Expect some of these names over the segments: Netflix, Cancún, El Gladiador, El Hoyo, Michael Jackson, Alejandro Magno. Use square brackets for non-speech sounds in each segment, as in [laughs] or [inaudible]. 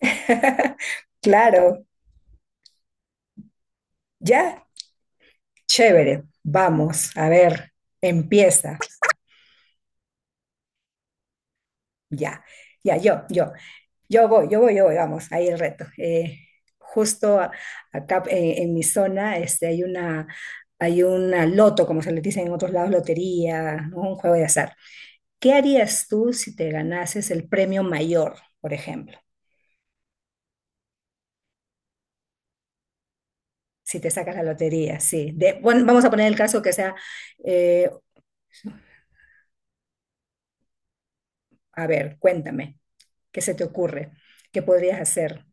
[laughs] Claro, ya, chévere. Vamos, a ver, empieza. Ya, ya, yo voy, vamos, ahí el reto. Justo acá en mi zona este, hay una loto, como se le dice en otros lados, lotería, ¿no? Un juego de azar. ¿Qué harías tú si te ganases el premio mayor, por ejemplo? Si te sacas la lotería, sí. Bueno, vamos a poner el caso que sea, eh, a ver, cuéntame. ¿Que se te ocurre? ¿Qué podrías hacer?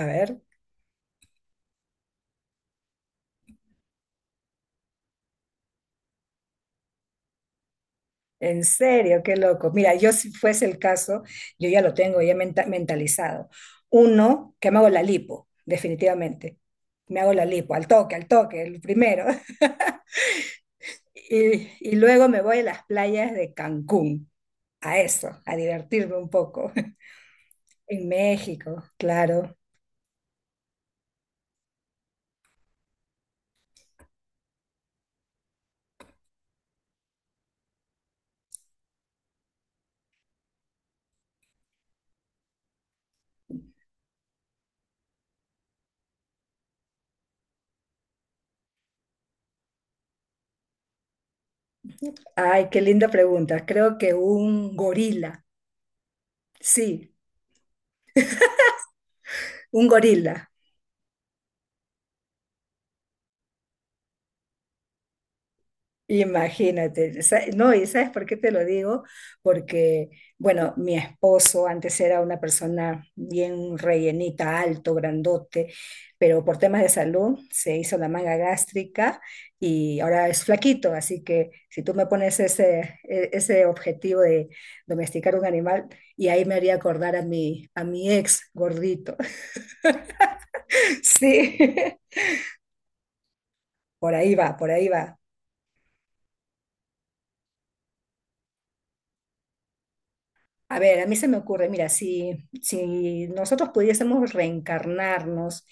A ver, en serio, qué loco. Mira, yo si fuese el caso, yo ya lo tengo, ya mentalizado. Uno, que me hago la lipo, definitivamente. Me hago la lipo, al toque, el primero. [laughs] Y luego me voy a las playas de Cancún, a eso, a divertirme un poco. [laughs] En México, claro. Ay, qué linda pregunta. Creo que un gorila, sí, un gorila. Imagínate, no, y ¿sabes por qué te lo digo? Porque, bueno, mi esposo antes era una persona bien rellenita, alto, grandote, pero por temas de salud se hizo la manga gástrica y ahora es flaquito, así que si tú me pones ese objetivo de domesticar un animal, y ahí me haría acordar a a mi ex gordito. [laughs] Sí, [laughs] por ahí va, por ahí va. A ver, a mí se me ocurre, mira, si nosotros pudiésemos reencarnarnos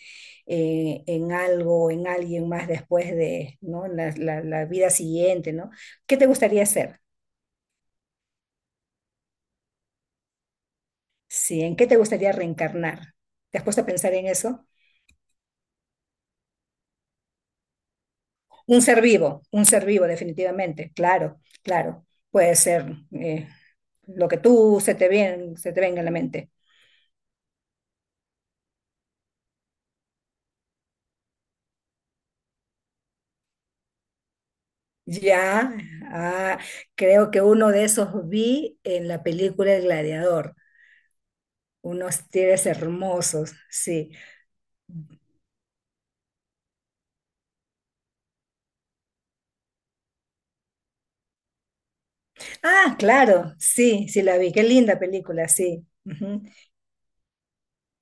en algo, en alguien más después de, ¿no? En la vida siguiente, ¿no? ¿Qué te gustaría ser? Sí, ¿en qué te gustaría reencarnar? ¿Te has puesto a pensar en eso? Un ser vivo, definitivamente, claro, claro. Puede ser lo que tú se te venga en la mente. Ya, ah, creo que uno de esos vi en la película El Gladiador. Unos tigres hermosos, sí. Ah, claro, sí, sí la vi. Qué linda película, sí. Ujú.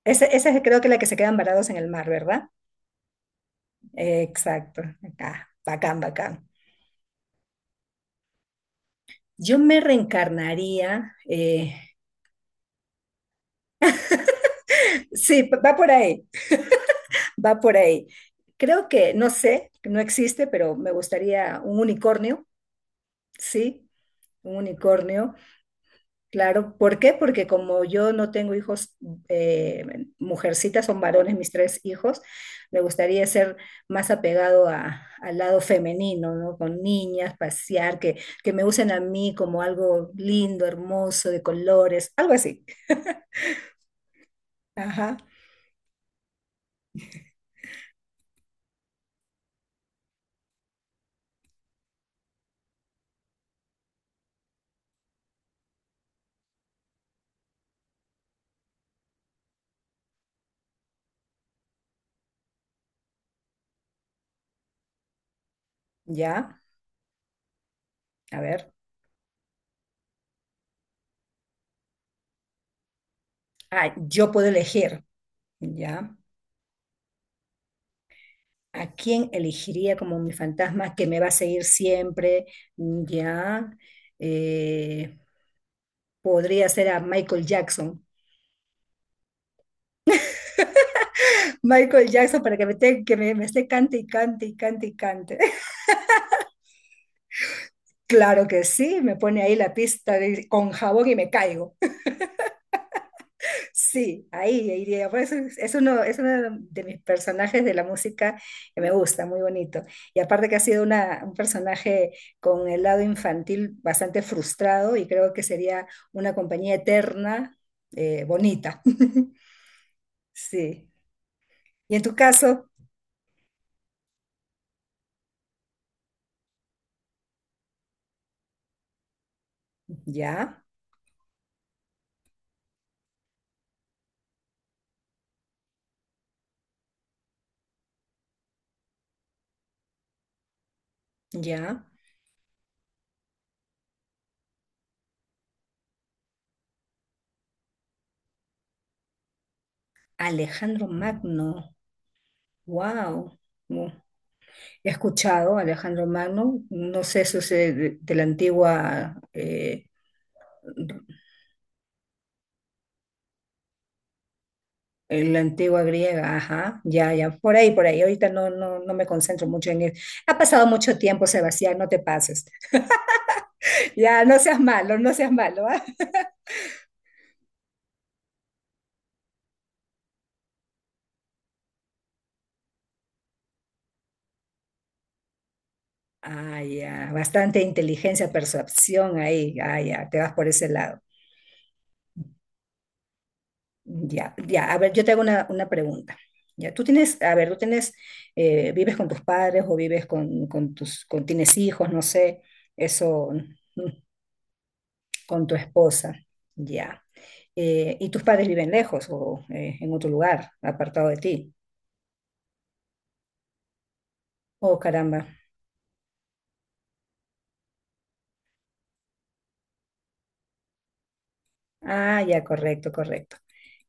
Esa es creo que la que se quedan varados en el mar, ¿verdad? Exacto. Acá, bacán, bacán. Yo me reencarnaría. Va por ahí, va por ahí. Creo que, no sé, no existe, pero me gustaría un unicornio, sí, un unicornio. Claro, ¿por qué? Porque como yo no tengo hijos, eh, mujercitas, son varones mis tres hijos, me gustaría ser más apegado al lado femenino, ¿no? Con niñas, pasear, que me usen a mí como algo lindo, hermoso, de colores, algo así. Ajá, ya, a ver. Ah, yo puedo elegir, ya. ¿A quién elegiría como mi fantasma que me va a seguir siempre? Ya. Eh, podría ser a Michael Jackson. Michael Jackson para que me, te- que me esté cante y cante y cante y cante. [laughs] Claro que sí, me pone ahí la pista con jabón y me caigo. [laughs] Sí, ahí iría. Por eso es uno de mis personajes de la música que me gusta, muy bonito. Y aparte que ha sido un personaje con el lado infantil bastante frustrado y creo que sería una compañía eterna, bonita. [laughs] Sí. Y en tu caso, ya, ya, Alejandro Magno. Wow. He escuchado a Alejandro Magno, no sé eso es de la antigua, en la antigua griega, ajá, ya, ya, por ahí, por ahí. Ahorita no, no me concentro mucho en eso. Ha pasado mucho tiempo, Sebastián, no te pases. [laughs] Ya, no seas malo, no seas malo, ¿ah? Ah, ya, bastante inteligencia, percepción ahí, ah, ya, te vas por ese lado. Ya, ya, a ver, yo te hago una pregunta. Ya, tú tienes, a ver, tú tienes, vives con tus padres o vives con tus, con, tienes hijos, no sé, eso, [laughs] mm, con tu esposa, ya. Y tus padres viven lejos o en otro lugar, apartado de ti. Oh, caramba. Ah, ya, correcto, correcto.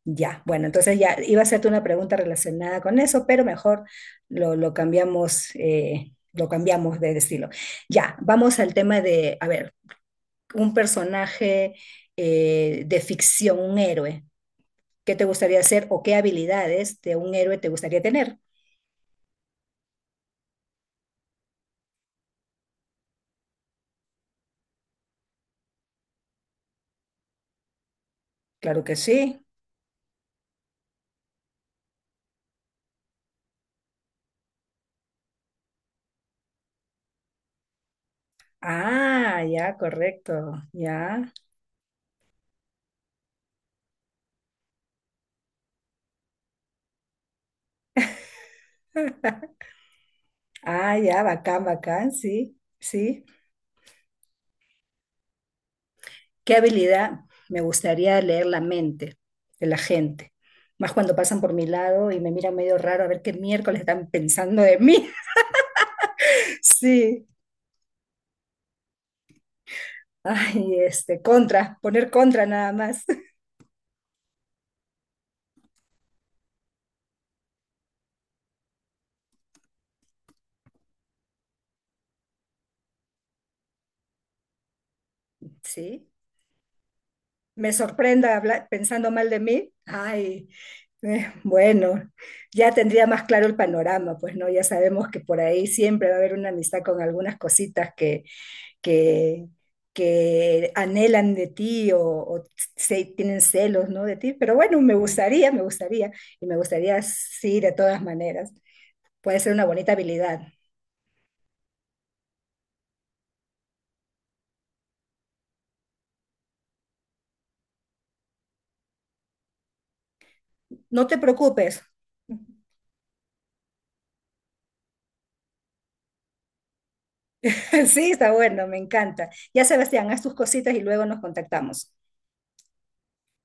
Ya, bueno, entonces ya iba a hacerte una pregunta relacionada con eso, pero mejor lo cambiamos de estilo. Ya, vamos al tema de, a ver. Un personaje de ficción, ¿un héroe? ¿Qué te gustaría hacer o qué habilidades de un héroe te gustaría tener? Claro que sí. Ah, ya, correcto. Ya. Ah, ya, bacán, bacán, sí, sí. ¿Qué habilidad me gustaría leer la mente de la gente? Más cuando pasan por mi lado y me miran medio raro a ver qué miércoles están pensando de mí. [laughs] Sí. Ay, este, contra, poner contra nada más. [laughs] Sí. Me sorprenda pensando mal de mí, ay, bueno, ya tendría más claro el panorama, pues no, ya sabemos que por ahí siempre va a haber una amistad con algunas cositas que, que anhelan de ti o se, tienen celos, ¿no? de ti, pero bueno, me gustaría, y me gustaría, sí, de todas maneras, puede ser una bonita habilidad. No te preocupes. [laughs] Sí, está bueno, me encanta. Ya Sebastián, haz tus cositas y luego nos contactamos.